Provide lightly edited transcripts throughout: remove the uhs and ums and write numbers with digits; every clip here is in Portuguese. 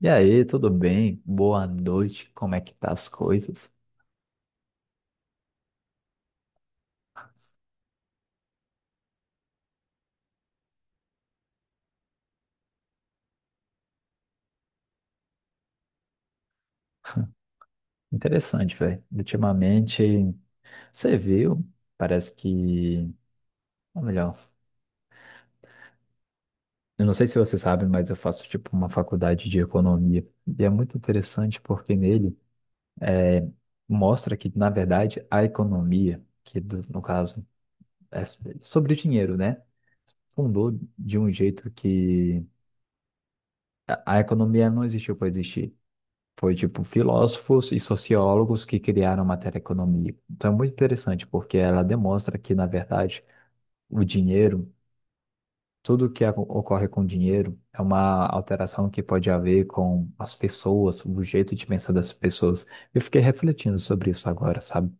E aí, tudo bem? Boa noite, como é que tá as coisas? Interessante, velho. Ultimamente, você viu, parece que, ou melhor, eu não sei se você sabe, mas eu faço tipo uma faculdade de economia. E é muito interessante porque nele mostra que, na verdade, a economia, no caso é sobre dinheiro, né? Fundou de um jeito que a economia não existiu para existir. Foi tipo filósofos e sociólogos que criaram a matéria economia. Então é muito interessante, porque ela demonstra que, na verdade, o dinheiro, ocorre com o dinheiro, é uma alteração que pode haver com as pessoas, o jeito de pensar das pessoas. Eu fiquei refletindo sobre isso agora, sabe?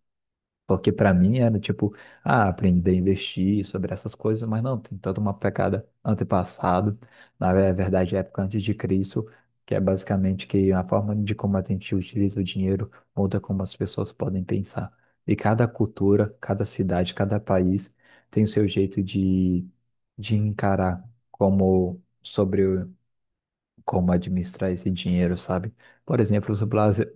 Porque para mim era tipo, ah, aprender a investir sobre essas coisas, mas não, tem toda uma pegada antepassado, é verdade, época antes de Cristo, que é basicamente que a forma de como a gente utiliza o dinheiro muda como as pessoas podem pensar. E cada cultura, cada cidade, cada país tem o seu jeito de encarar como sobre como administrar esse dinheiro, sabe? Por exemplo,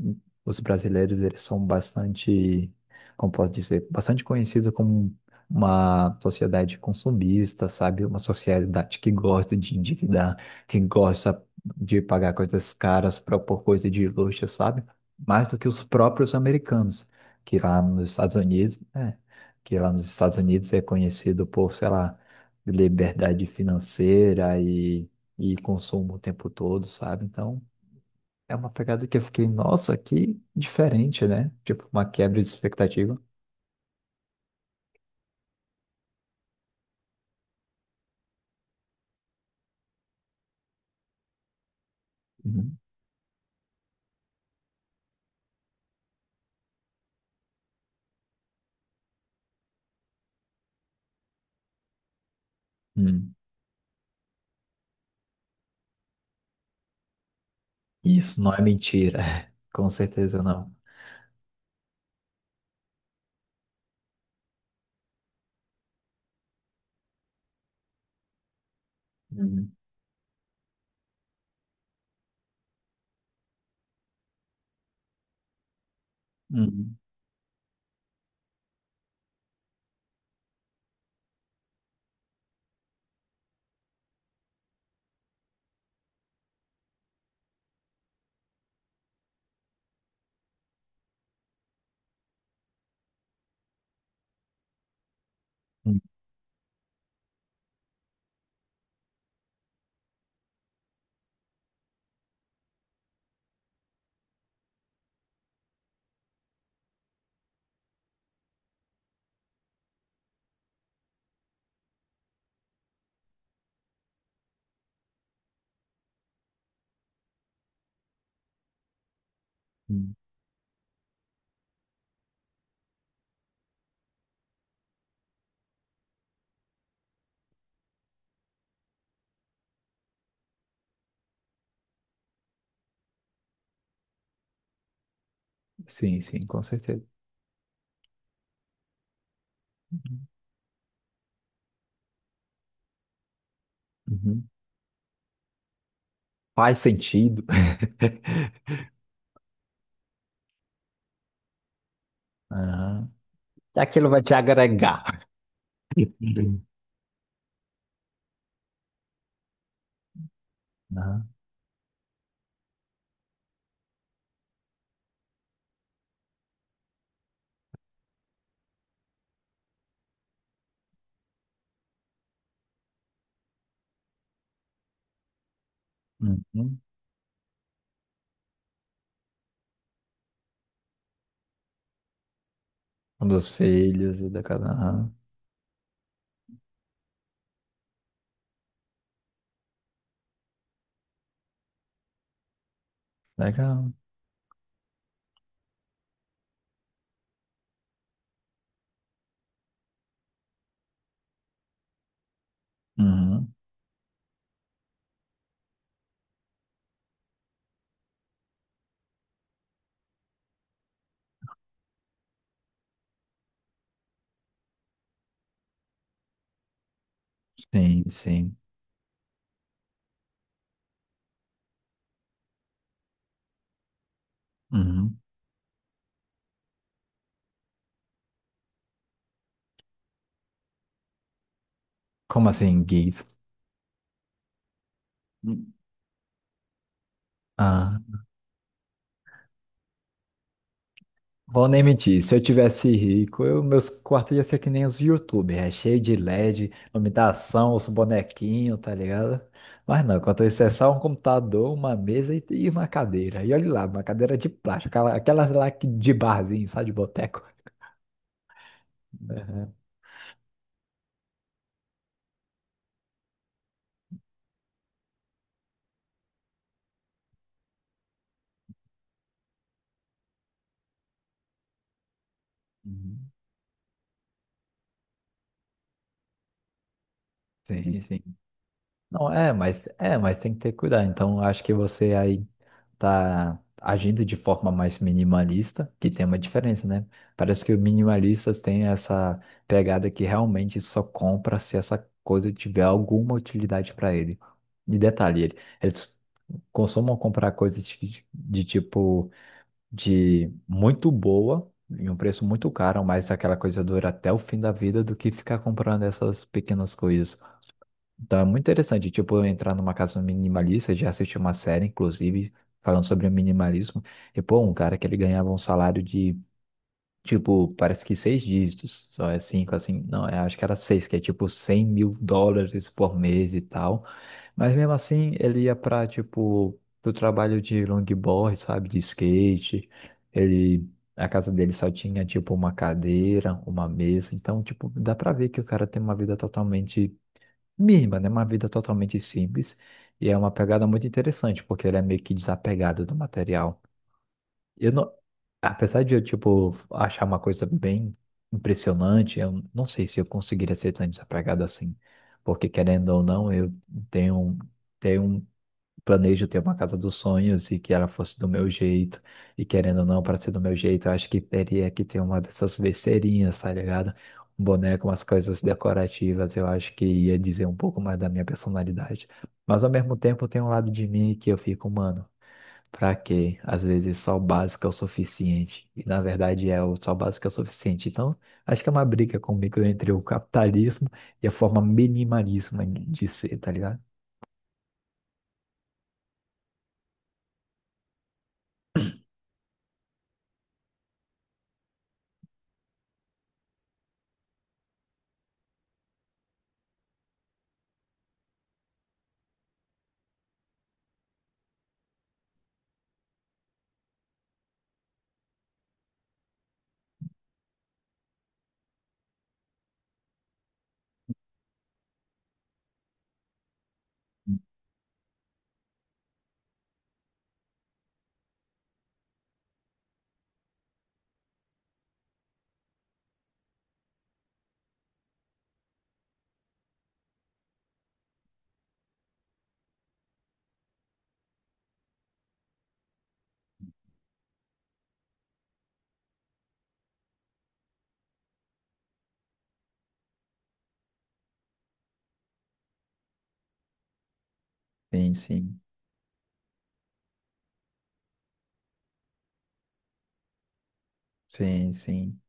os brasileiros, eles são bastante, como posso dizer, bastante conhecidos como uma sociedade consumista, sabe? Uma sociedade que gosta de endividar, que gosta de pagar coisas caras pra- por coisa de luxo, sabe? Mais do que os próprios americanos, que lá nos Estados Unidos, né? Que lá nos Estados Unidos é conhecido por, sei lá, liberdade financeira e consumo o tempo todo, sabe? Então, é uma pegada que eu fiquei, nossa, que diferente, né? Tipo, uma quebra de expectativa. Uhum. Hum. Isso não é mentira. Com certeza não. Uhum. Uhum. Uhum. Uhum. Sim, sim, com certeza. Uhum. Faz sentido. Aham. E aquilo vai te agregar. Uhum. Aham. Uhum. Um dos filhos e da casa. Aham. Legal. Uhum. Sim, sim. Uhum. Como assim, gays? Uhum. Vou nem mentir, se eu tivesse rico, eu, meus quartos iam ser que nem os YouTubers, é cheio de LED, iluminação, os bonequinhos, tá ligado? Mas não, enquanto isso é só um computador, uma mesa e uma cadeira. E olha lá, uma cadeira de plástico, aquela, de barzinho, sabe, de boteco. Aham. Uhum. Sim, sim. Não, é, mas tem que ter cuidado. Então, acho que você aí tá agindo de forma mais minimalista, que tem uma diferença, né? Parece que os minimalistas têm essa pegada que realmente só compra se essa coisa tiver alguma utilidade para ele. E detalhe, eles costumam comprar coisas de tipo de muito boa em um preço muito caro, mas aquela coisa dura até o fim da vida do que ficar comprando essas pequenas coisas. Tá muito interessante, tipo, eu entrar numa casa minimalista, já assisti uma série, inclusive, falando sobre o minimalismo, e pô, um cara que ele ganhava um salário de, tipo, parece que seis dígitos, só é cinco, assim, não, eu acho que era seis, que é tipo 100 mil dólares por mês e tal, mas mesmo assim, ele ia pra, tipo, do trabalho de longboard, sabe, de skate, ele... A casa dele só tinha, tipo, uma cadeira, uma mesa. Então, tipo, dá pra ver que o cara tem uma vida totalmente Mima, né? Uma vida totalmente simples e é uma pegada muito interessante, porque ele é meio que desapegado do material. Eu não, apesar de eu, tipo, achar uma coisa bem impressionante, eu não sei se eu conseguiria ser tão desapegado assim, porque querendo ou não, eu tenho, tenho um planejo ter uma casa dos sonhos e que ela fosse do meu jeito, e querendo ou não, para ser do meu jeito, eu acho que teria que ter uma dessas besteirinhas, tá ligado? Um boneco, umas coisas decorativas, eu acho que ia dizer um pouco mais da minha personalidade. Mas ao mesmo tempo tem um lado de mim que eu fico, mano, pra quê? Às vezes só o básico é o suficiente. E na verdade é o só o básico é o suficiente. Então, acho que é uma briga comigo entre o capitalismo e a forma minimalista de ser, tá ligado? Sim, sim. Sim, sim.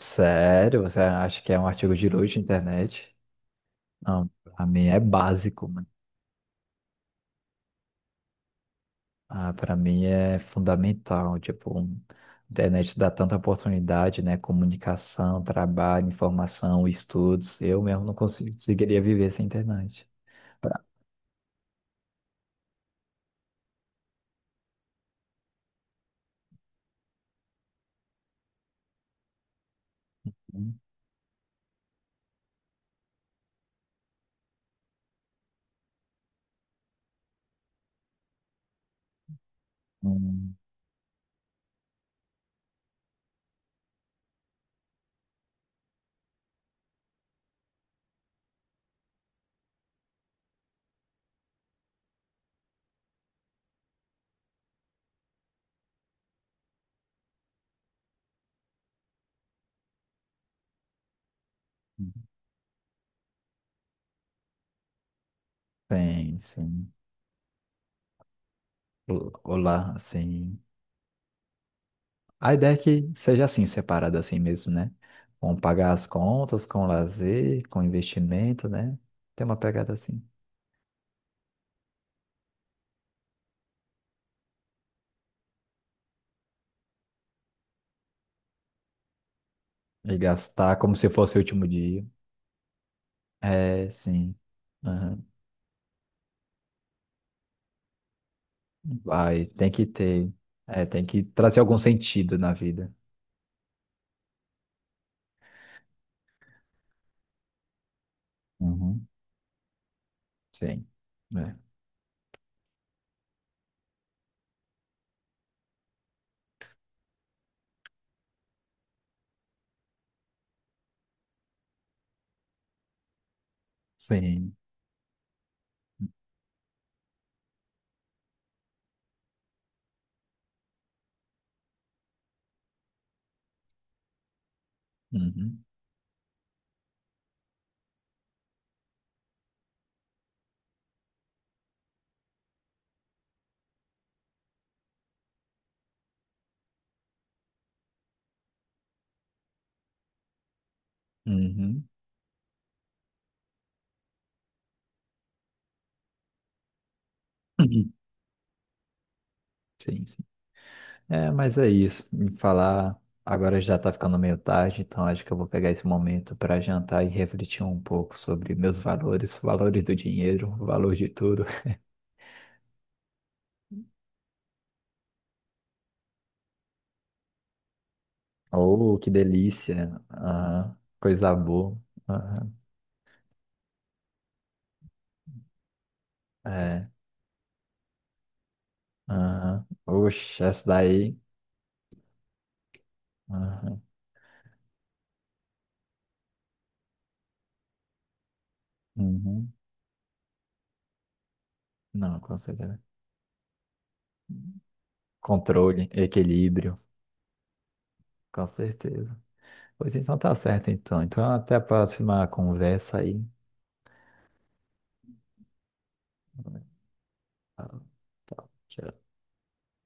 Sério? Você acha que é um artigo de luxo na internet? Não, pra mim é básico, mano. Ah, para mim é fundamental. Tipo, a internet dá tanta oportunidade, né? Comunicação, trabalho, informação, estudos. Eu mesmo conseguiria viver sem internet. Pra mim, hum, sim, sim. Olá, assim. A ideia é que seja assim, separado assim mesmo, né? Com pagar as contas, com lazer, com investimento, né? Tem uma pegada assim. E gastar como se fosse o último dia. É, sim. Aham. Vai, tem que ter. É, tem que trazer algum sentido na vida. Uhum. Sim. É. Sim. Uhum. Uhum. Uhum. Sim, sim. É, mas é isso. Me falar. Agora já tá ficando meio tarde, então acho que eu vou pegar esse momento para jantar e refletir um pouco sobre meus valores, valores do dinheiro, valor de tudo. Oh, que delícia! Aham. Coisa boa. Aham. É. Aham. Oxe, essa daí. Aham. Uhum. Não, com certeza. Controle, equilíbrio, com certeza. Pois então tá certo, então. Então até a próxima conversa aí. Tá, tá. Tchau.